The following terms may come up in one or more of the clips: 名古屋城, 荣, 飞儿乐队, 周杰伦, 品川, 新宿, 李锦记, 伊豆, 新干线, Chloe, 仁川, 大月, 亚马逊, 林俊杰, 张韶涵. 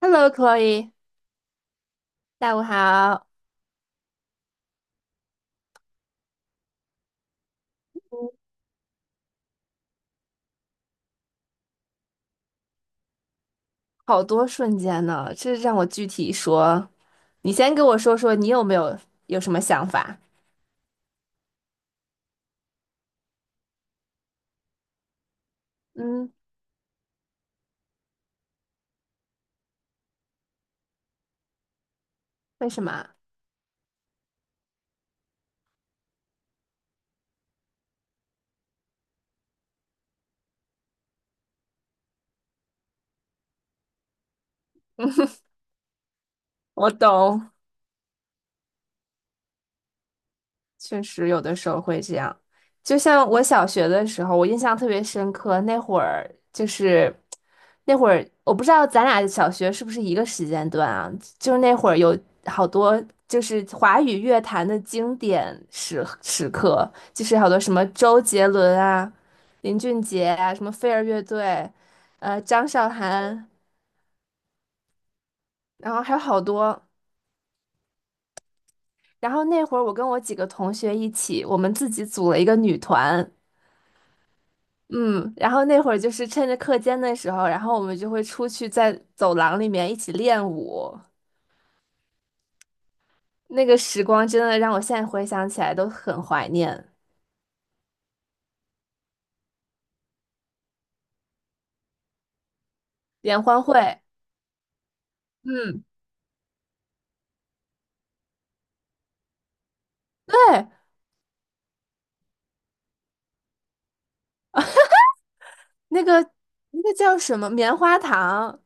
Hello, Chloe，下午好。好多瞬间呢，这让我具体说。你先跟我说说，你有没有什么想法？嗯，为什么？我懂。确实有的时候会这样。就像我小学的时候，我印象特别深刻，那会儿，我不知道咱俩小学是不是一个时间段啊？就是那会儿有好多就是华语乐坛的经典时刻，就是好多什么周杰伦啊、林俊杰啊、什么飞儿乐队，张韶涵，然后还有好多。然后那会儿我跟我几个同学一起，我们自己组了一个女团。嗯，然后那会儿就是趁着课间的时候，然后我们就会出去在走廊里面一起练舞。那个时光真的让我现在回想起来都很怀念。联欢会，嗯，对，那个那个叫什么棉花糖，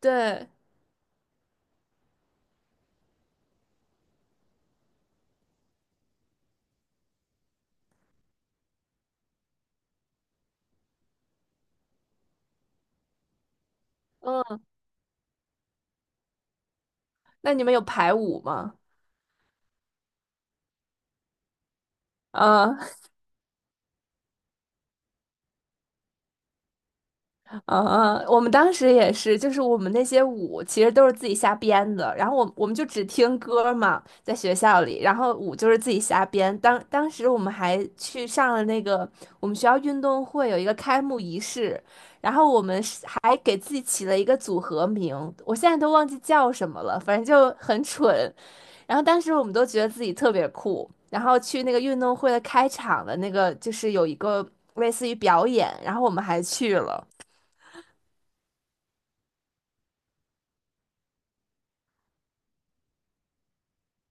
对，嗯，那你们有排舞吗？嗯，嗯，我们当时也是，就是我们那些舞其实都是自己瞎编的，然后我们就只听歌嘛，在学校里，然后舞就是自己瞎编。当时我们还去上了那个我们学校运动会有一个开幕仪式，然后我们是还给自己起了一个组合名，我现在都忘记叫什么了，反正就很蠢。然后当时我们都觉得自己特别酷，然后去那个运动会的开场的那个，就是有一个类似于表演，然后我们还去了。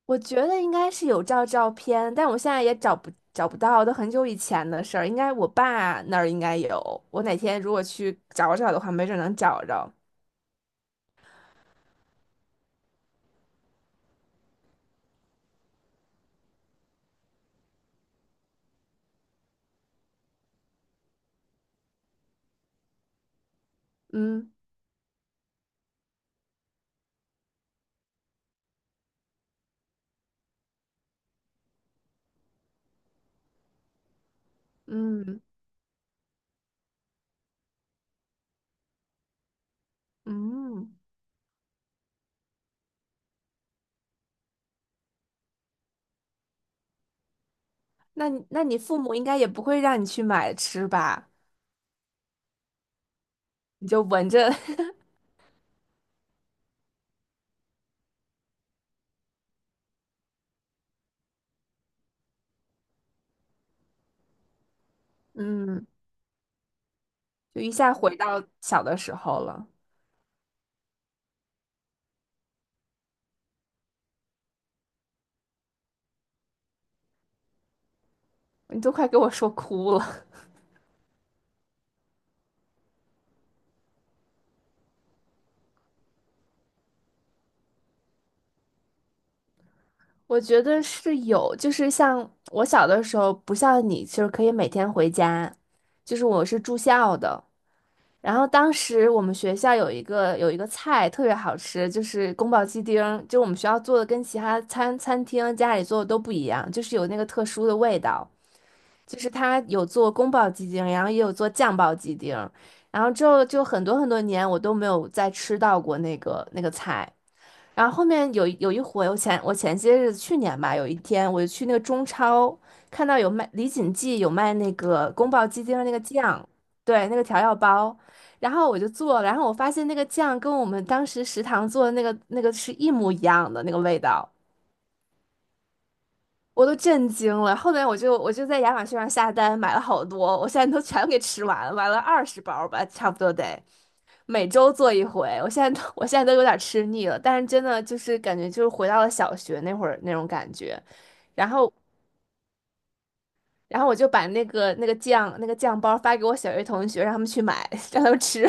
我觉得应该是有照照片，但我现在也找不到，都很久以前的事儿。应该我爸那儿应该有，我哪天如果去找找的话，没准能找着。嗯嗯嗯，那你父母应该也不会让你去买吃吧？你就闻着，嗯，就一下回到小的时候了。你都快给我说哭了。我觉得是有，就是像我小的时候，不像你，就是可以每天回家，就是我是住校的。然后当时我们学校有一个菜特别好吃，就是宫保鸡丁儿，就我们学校做的跟其他餐厅家里做的都不一样，就是有那个特殊的味道，就是它有做宫保鸡丁，然后也有做酱爆鸡丁，然后之后就很多很多年我都没有再吃到过那个菜。然后后面有一回，我前些日子去年吧，有一天我就去那个中超，看到有卖李锦记有卖那个宫保鸡丁的那个酱，对，那个调料包，然后我就做了然后我发现那个酱跟我们当时食堂做的那个是一模一样的那个味道，我都震惊了。后面我就在亚马逊上下单买了好多，我现在都全给吃完了，买了20包吧，差不多得每周做一回。我现在都有点吃腻了，但是真的就是感觉就是回到了小学那会儿那种感觉。然后然后我就把那个酱包发给我小学同学，让他们去买，让他们吃。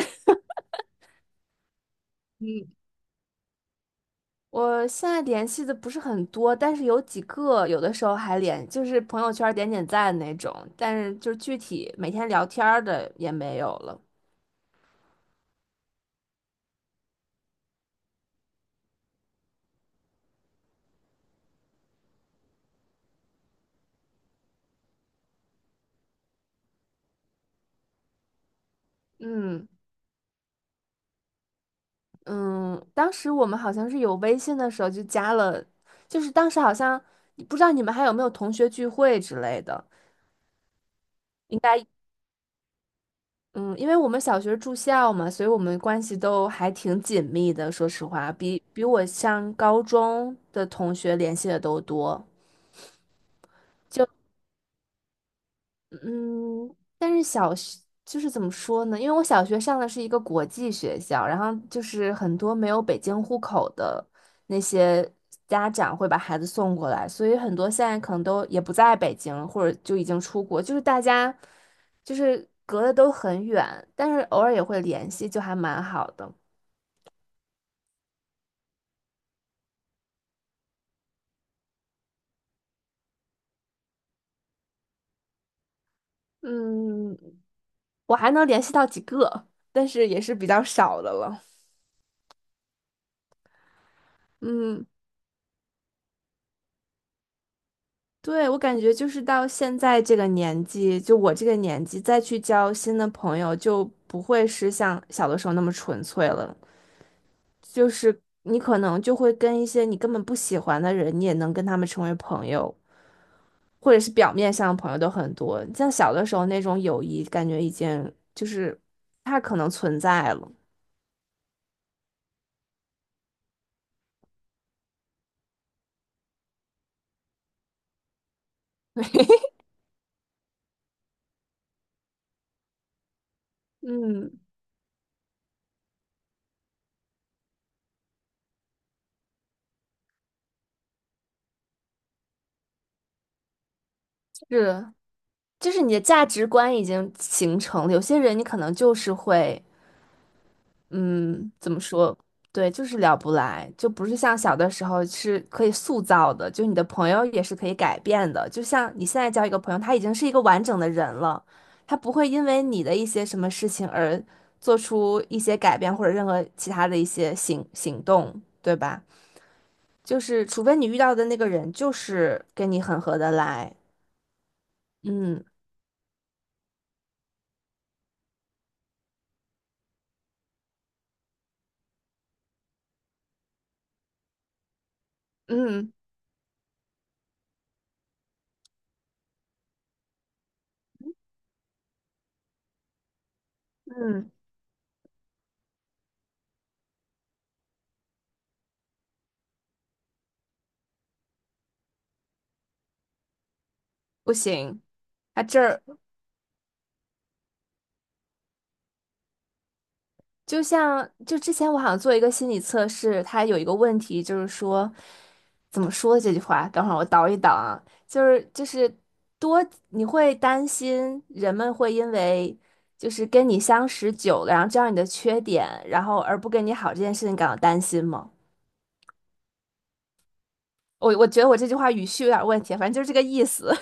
我现在联系的不是很多，但是有几个，有的时候还联，就是朋友圈儿点点赞那种，但是就是具体每天聊天儿的也没有了。嗯嗯，当时我们好像是有微信的时候就加了，就是当时好像不知道你们还有没有同学聚会之类的，应该嗯，因为我们小学住校嘛，所以我们关系都还挺紧密的，说实话，比我上高中的同学联系的都多。嗯，但是小学就是怎么说呢？因为我小学上的是一个国际学校，然后就是很多没有北京户口的那些家长会把孩子送过来，所以很多现在可能都也不在北京，或者就已经出国，就是大家就是隔得都很远，但是偶尔也会联系，就还蛮好的。嗯，我还能联系到几个，但是也是比较少的了。嗯。对，我感觉就是到现在这个年纪，就我这个年纪再去交新的朋友，就不会是像小的时候那么纯粹了。就是你可能就会跟一些你根本不喜欢的人，你也能跟他们成为朋友，或者是表面上的朋友都很多。像小的时候那种友谊，感觉已经就是不太可能存在了。嗯，是，就是你的价值观已经形成了。有些人你可能就是会。嗯，怎么说？对，就是聊不来，就不是像小的时候是可以塑造的，就你的朋友也是可以改变的。就像你现在交一个朋友，他已经是一个完整的人了，他不会因为你的一些什么事情而做出一些改变或者任何其他的一些行动，对吧？就是除非你遇到的那个人就是跟你很合得来，嗯嗯嗯，不行，他这儿就之前我好像做一个心理测试，它有一个问题就是说，怎么说这句话？等会儿我倒一倒啊，就是多你会担心人们会因为就是跟你相识久了，然后知道你的缺点，然后而不跟你好这件事情感到担心吗？我觉得我这句话语序有点问题，反正就是这个意思。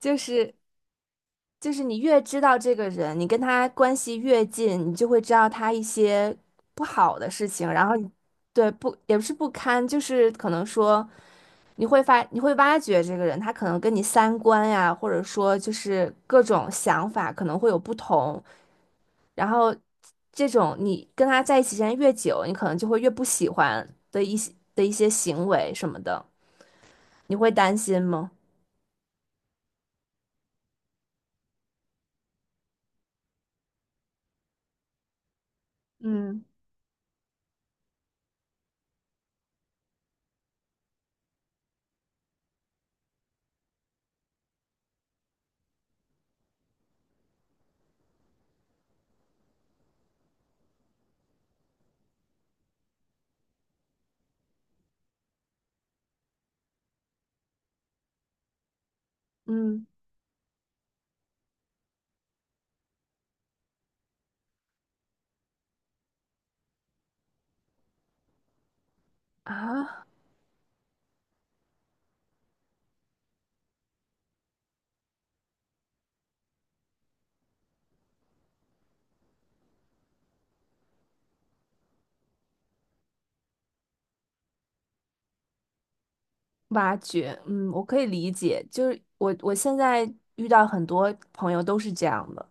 就是就是你越知道这个人，你跟他关系越近，你就会知道他一些不好的事情，然后你对不也不是不堪，就是可能说你会挖掘这个人，他可能跟你三观呀，或者说就是各种想法可能会有不同，然后这种你跟他在一起时间越久，你可能就会越不喜欢的一些行为什么的，你会担心吗？嗯嗯，啊，挖掘，嗯，我可以理解，就是我现在遇到很多朋友都是这样的，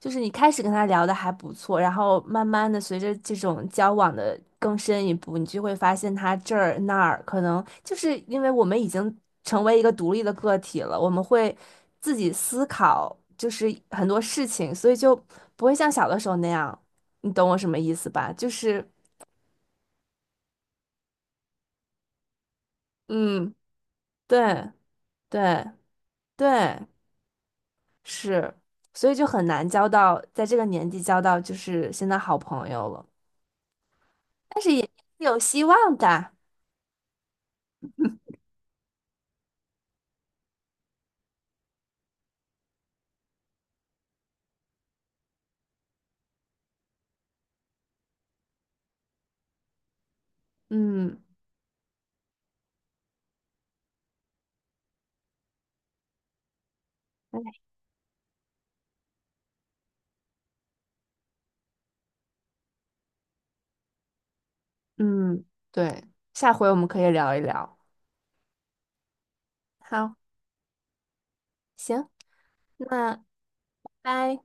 就是你开始跟他聊的还不错，然后慢慢的随着这种交往的更深一步，你就会发现他这儿那儿，可能就是因为我们已经成为一个独立的个体了，我们会自己思考，就是很多事情，所以就不会像小的时候那样，你懂我什么意思吧？就是，嗯，对对对。是，所以就很难交到，在这个年纪交到就是现在好朋友了，但是也是有希望的。嗯嗯，对，下回我们可以聊一聊。好，行，那拜。